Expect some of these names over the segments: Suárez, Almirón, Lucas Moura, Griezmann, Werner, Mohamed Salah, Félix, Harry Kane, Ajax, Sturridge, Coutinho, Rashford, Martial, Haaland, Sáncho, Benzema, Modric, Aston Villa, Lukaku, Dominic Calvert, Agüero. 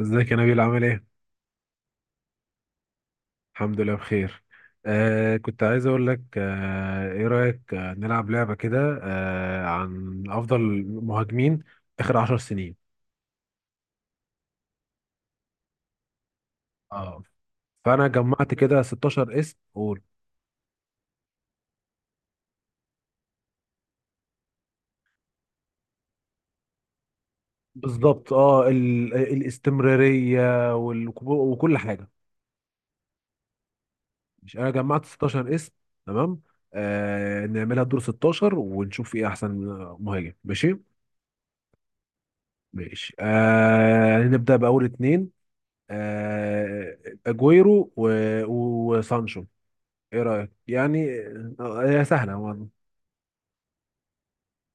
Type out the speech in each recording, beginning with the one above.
ازيك يا نبيل، عامل ايه؟ الحمد لله بخير. كنت عايز اقول لك، ايه رأيك نلعب لعبة كده عن افضل مهاجمين اخر 10 سنين. اه فانا جمعت كده 16 اسم. قول. بالظبط، الاستمرارية وال وكل حاجة. مش، انا جمعت 16 اسم. تمام. نعملها دور 16 ونشوف ايه احسن مهاجم، ماشي؟ ماشي، نبدأ بأول اتنين. آه، اجويرو و... و- وسانشو. ايه رايك يعني؟ هي سهله برضه.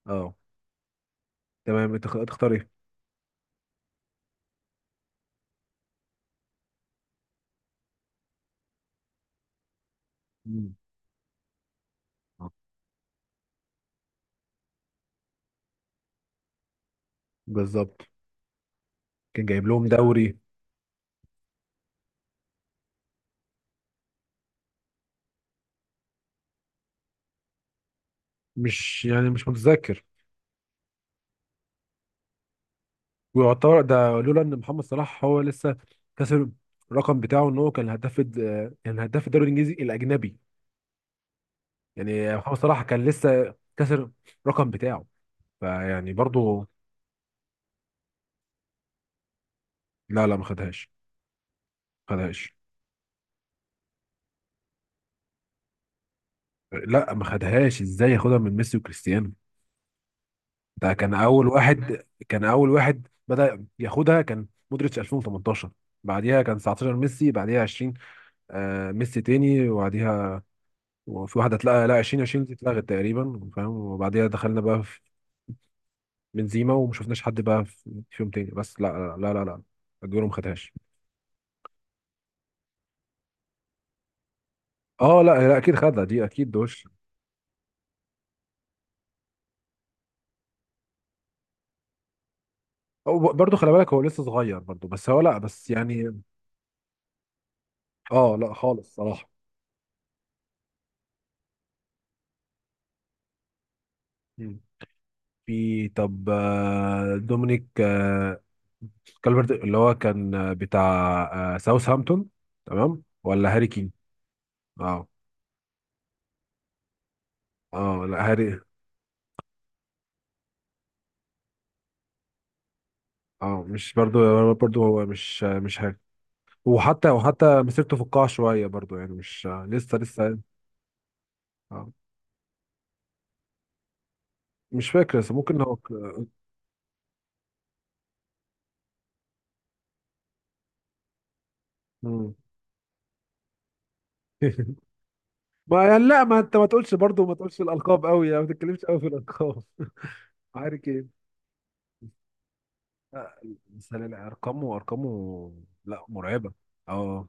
اه. تمام، تختار ايه؟ مم. آه، بالظبط. كان جايب لهم دوري. مش يعني مش متذكر. ويعتبر ده، لولا ان محمد صلاح هو لسه كسر الرقم بتاعه، ان هو كان هداف الدوري الانجليزي الاجنبي. يعني محمد صلاح كان لسه كسر الرقم بتاعه. فيعني برضه. لا لا، ما خدهاش. ما خدهاش. لا، ما خدهاش. ازاي ياخدها من ميسي وكريستيانو؟ ده كان اول واحد، بدأ ياخدها، كان مودريتش 2018. بعديها كان 19 ميسي، بعديها 20. ميسي تاني، وبعديها وفي واحده اتلغى، لا 2020 دي اتلغت تقريبا، فاهم؟ وبعديها دخلنا بقى في بنزيما، وما شفناش حد بقى فيهم تاني. بس لا لا لا لا، لا. اجويرو ما خدهاش. اه لا لا، اكيد خدها دي، اكيد دوش. هو برضه خلي بالك، هو لسه صغير برضه، بس هو لا، بس يعني. اه لا خالص صراحه. مم. في، طب، دومينيك، كالفرت اللي هو كان بتاع ساوثهامبتون. تمام، ولا هاري كين؟ اه. اه، لا هاري اه مش برضو. برضو هو مش هاري. وحتى وحتى مسيرته في القاع شويه برضو، يعني مش، لسه يعني. آه. مش فاكر، بس ممكن هو مم. ما يعني، لا ما انت ما تقولش برضو، ما تقولش الالقاب قوي، يعني ما تتكلمش قوي في الالقاب. هاري كين، آه، بس لا لا، ارقامه ارقامه، لا مرعبه. اه،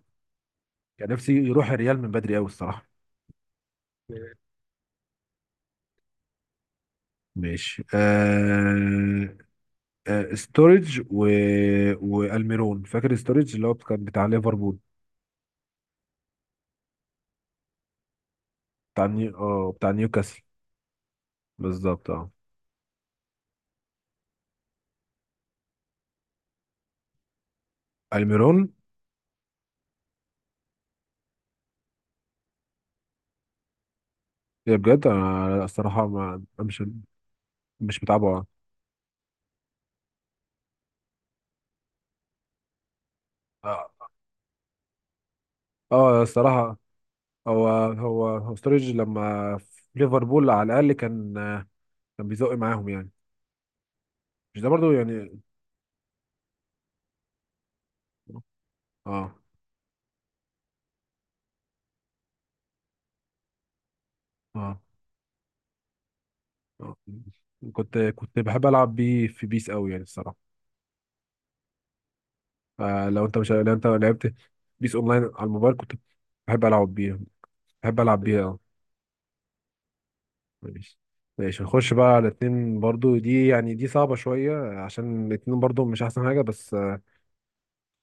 كان نفسي يروح الريال من بدري قوي الصراحه. ماشي. ستورج و... والميرون. فاكر ستورج اللي هو كان بتاع ليفربول؟ بتاع نيو اه بتاع نيوكاسل. بالظبط اه. الميرون. يا بجد، انا الصراحه ما مش مش متابعه. اه، الصراحه هو ستورج لما في ليفربول على الاقل كان، كان بيزق معاهم يعني. مش ده برضو يعني؟ اه اه. آه. كنت بحب العب بيه في بيس قوي يعني الصراحه. فلو انت مش لو انت لعبت بيس اونلاين على الموبايل، كنت بحب العب بيها. بحب العب بيها، اه. ماشي. ماشي، نخش بقى على اتنين برضو. دي صعبة شوية، عشان الاتنين برضو مش أحسن حاجة، بس.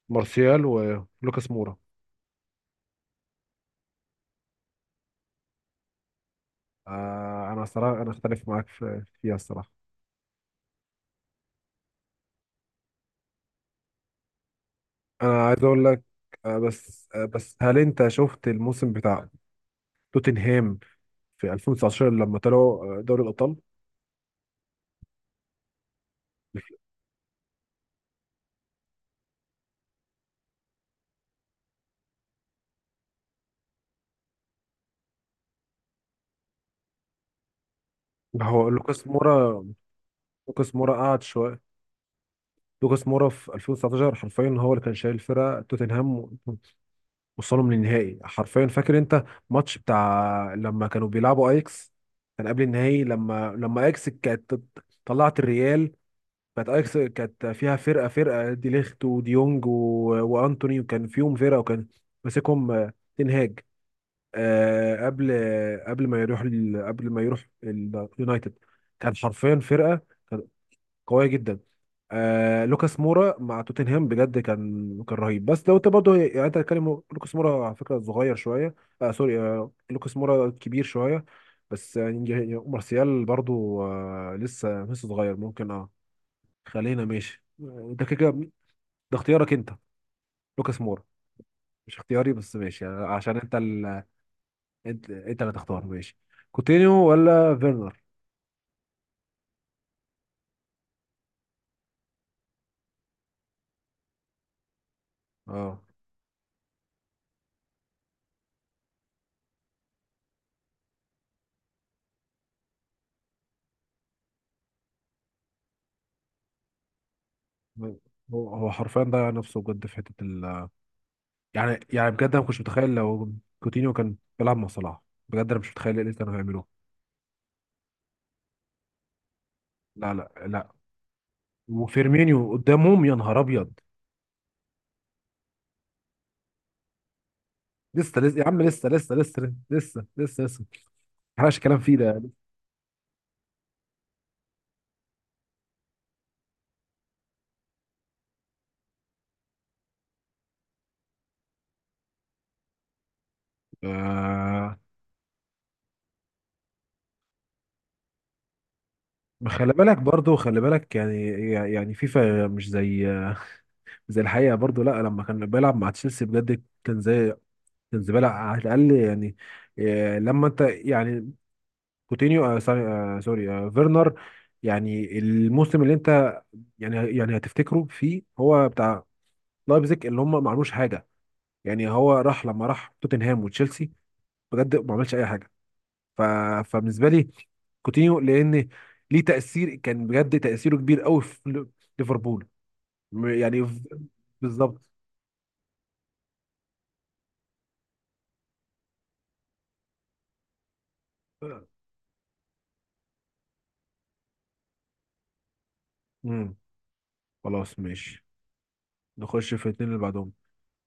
مارسيال ولوكاس مورا. أنا الصراحة، أختلف معاك فيها الصراحة. أنا عايز أقول لك، بس هل أنت شفت الموسم بتاع توتنهام في 2019 لما طلعوا دوري الأبطال؟ هو لوكاس مورا، لوكاس مورا قعد شوية. لوكاس مورا في 2019 حرفيا هو اللي كان شايل الفرقه، توتنهام وصلهم للنهائي حرفيا. فاكر انت ماتش بتاع لما كانوا بيلعبوا اياكس؟ كان قبل النهائي لما اياكس كانت طلعت الريال. كانت اياكس كانت فيها فرقه، فرقه دي ليخت وديونج و... وانتوني، وكان فيهم فرقه، وكان ماسكهم تنهاج، قبل، قبل ما يروح ال... قبل ما يروح اليونايتد. كان حرفيا فرقه قويه جدا. لوكاس مورا مع توتنهام بجد كان، رهيب. بس لو انت برضه، يعني انت هتتكلم، لوكاس مورا على فكره صغير شويه. سوري، لوكاس مورا كبير شويه. بس يعني، مارسيال برضه لسه، صغير ممكن، اه. خلينا ماشي، ده ده اختيارك انت، لوكاس مورا. مش اختياري، بس ماشي يعني، عشان انت انت اللي تختار، ماشي. كوتينيو ولا فيرنر؟ اه. هو حرفيا ضيع نفسه بجد في حته. يعني، بجد انا ما كنتش متخيل، لو كوتينيو كان بيلعب مع صلاح، بجد انا مش متخيل ايه اللي كانوا هيعملوه. لا لا لا، وفيرمينيو قدامهم، يا نهار ابيض. لسه لسه يا عم، لسه لسه لسه. لسه لسه لسه، ما حلاش كلام فيه ده. آه ما خلي بالك برضو، خلي بالك، يعني يعني فيفا مش زي، زي الحقيقه برضو. لا لما كان بيلعب مع تشيلسي بجد كان زي، كان زباله على الاقل يعني. لما انت يعني، كوتينيو آه سوري، فيرنر، يعني الموسم اللي انت، يعني، هتفتكروا في، هو بتاع لايبزيج، اللي هم ما عملوش حاجه. يعني هو راح، لما راح توتنهام وتشيلسي بجد ما عملش اي حاجه. ف... فبالنسبه لي، كوتينيو لان ليه تاثير، كان بجد تاثيره كبير قوي في ليفربول، م- يعني في- بالظبط. امم خلاص ماشي، نخش في الاثنين اللي بعدهم.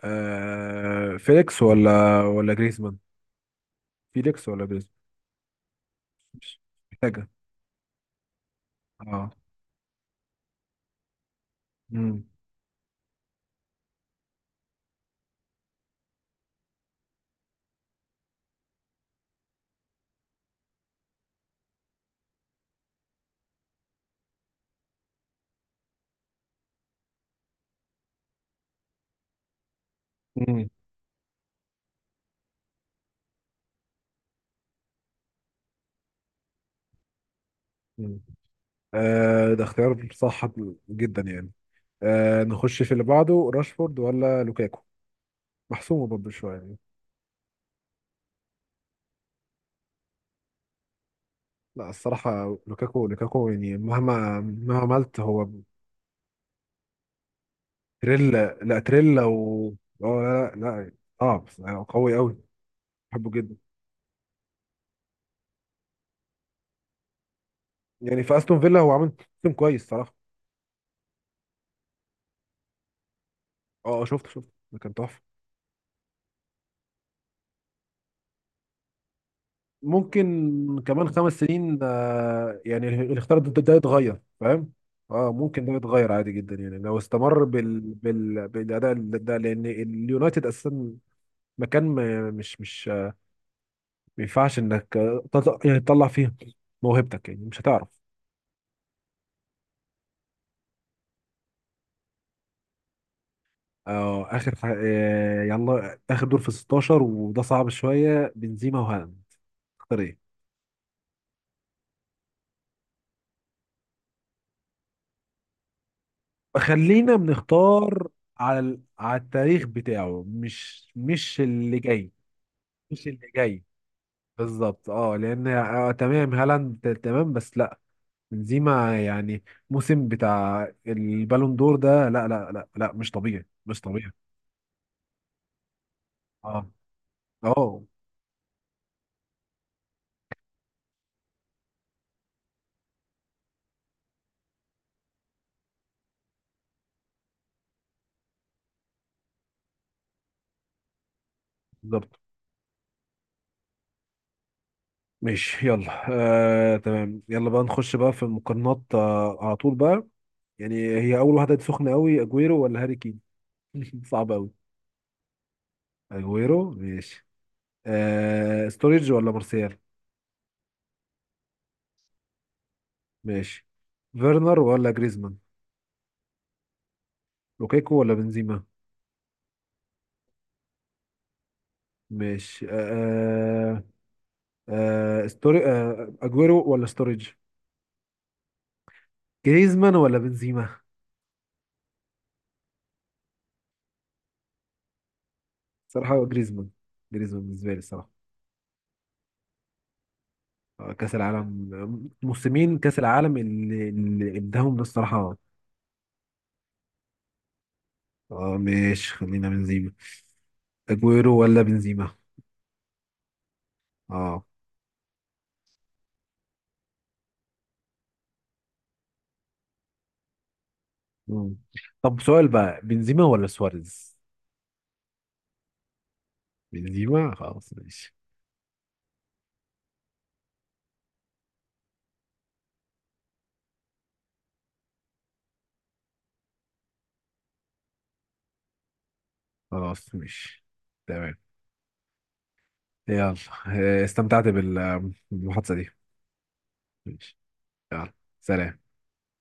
فيليكس ولا جريزمان؟ فيليكس ولا جريزمان؟ مش محتاجه. اه. امم ده اختيار صح جدا يعني. نخش في اللي بعده، راشفورد ولا لوكاكو؟ محسومة برضه شوية يعني. لا الصراحة، لوكاكو لوكاكو يعني، مهما عملت هو، تريل. لا، تريل و... اه لا لا لا. اه بس قوي قوي، بحبه جدا. يعني في استون فيلا هو عامل سيزون كويس صراحة. اه، شفت ده كان تحفة. ممكن كمان 5 سنين، يعني اللي اختار ده يتغير، فاهم؟ اه، ممكن ده يتغير عادي جدا يعني، لو استمر بالاداء ده، لان اليونايتد اساسا مكان ما، مش، مش، ما ينفعش انك، تطلع فيه موهبتك، يعني مش هتعرف. اه، اخر ح... آه، يلا اخر دور في 16، وده صعب شويه، بنزيما وهالاند، تختار ايه؟ خلينا بنختار على التاريخ بتاعه، مش، اللي جاي، مش اللي جاي. بالظبط اه، لان تمام هالاند تمام، بس لا، بنزيما يعني، موسم بتاع البالون دور ده، لا لا لا لا مش طبيعي، مش طبيعي. اه اه، بالظبط، ماشي يلا. تمام يلا بقى، نخش بقى في المقارنات على طول بقى، يعني. هي اول واحده سخنه قوي، اجويرو ولا هاري كين؟ صعب قوي. اجويرو ماشي. ستوريج ولا مارسيال؟ ماشي. فيرنر ولا جريزمان؟ لوكاكو ولا بنزيما؟ ماشي. آه آه، آه ستوري آه اجويرو ولا ستوريج؟ جريزمان ولا بنزيما؟ صراحة هو جريزمان، جريزمان بالنسبة لي الصراحة. كأس العالم، موسمين كأس العالم اللي اداهم ده الصراحة. اه ماشي، خلينا بنزيما. اجويرو ولا بنزيما؟ اه. مم. طب سؤال بقى، بنزيما ولا سواريز؟ بنزيما، خلاص ماشي. خلاص ماشي، تمام، يلا. استمتعت بالمحادثة دي. ماشي، يلا، سلام.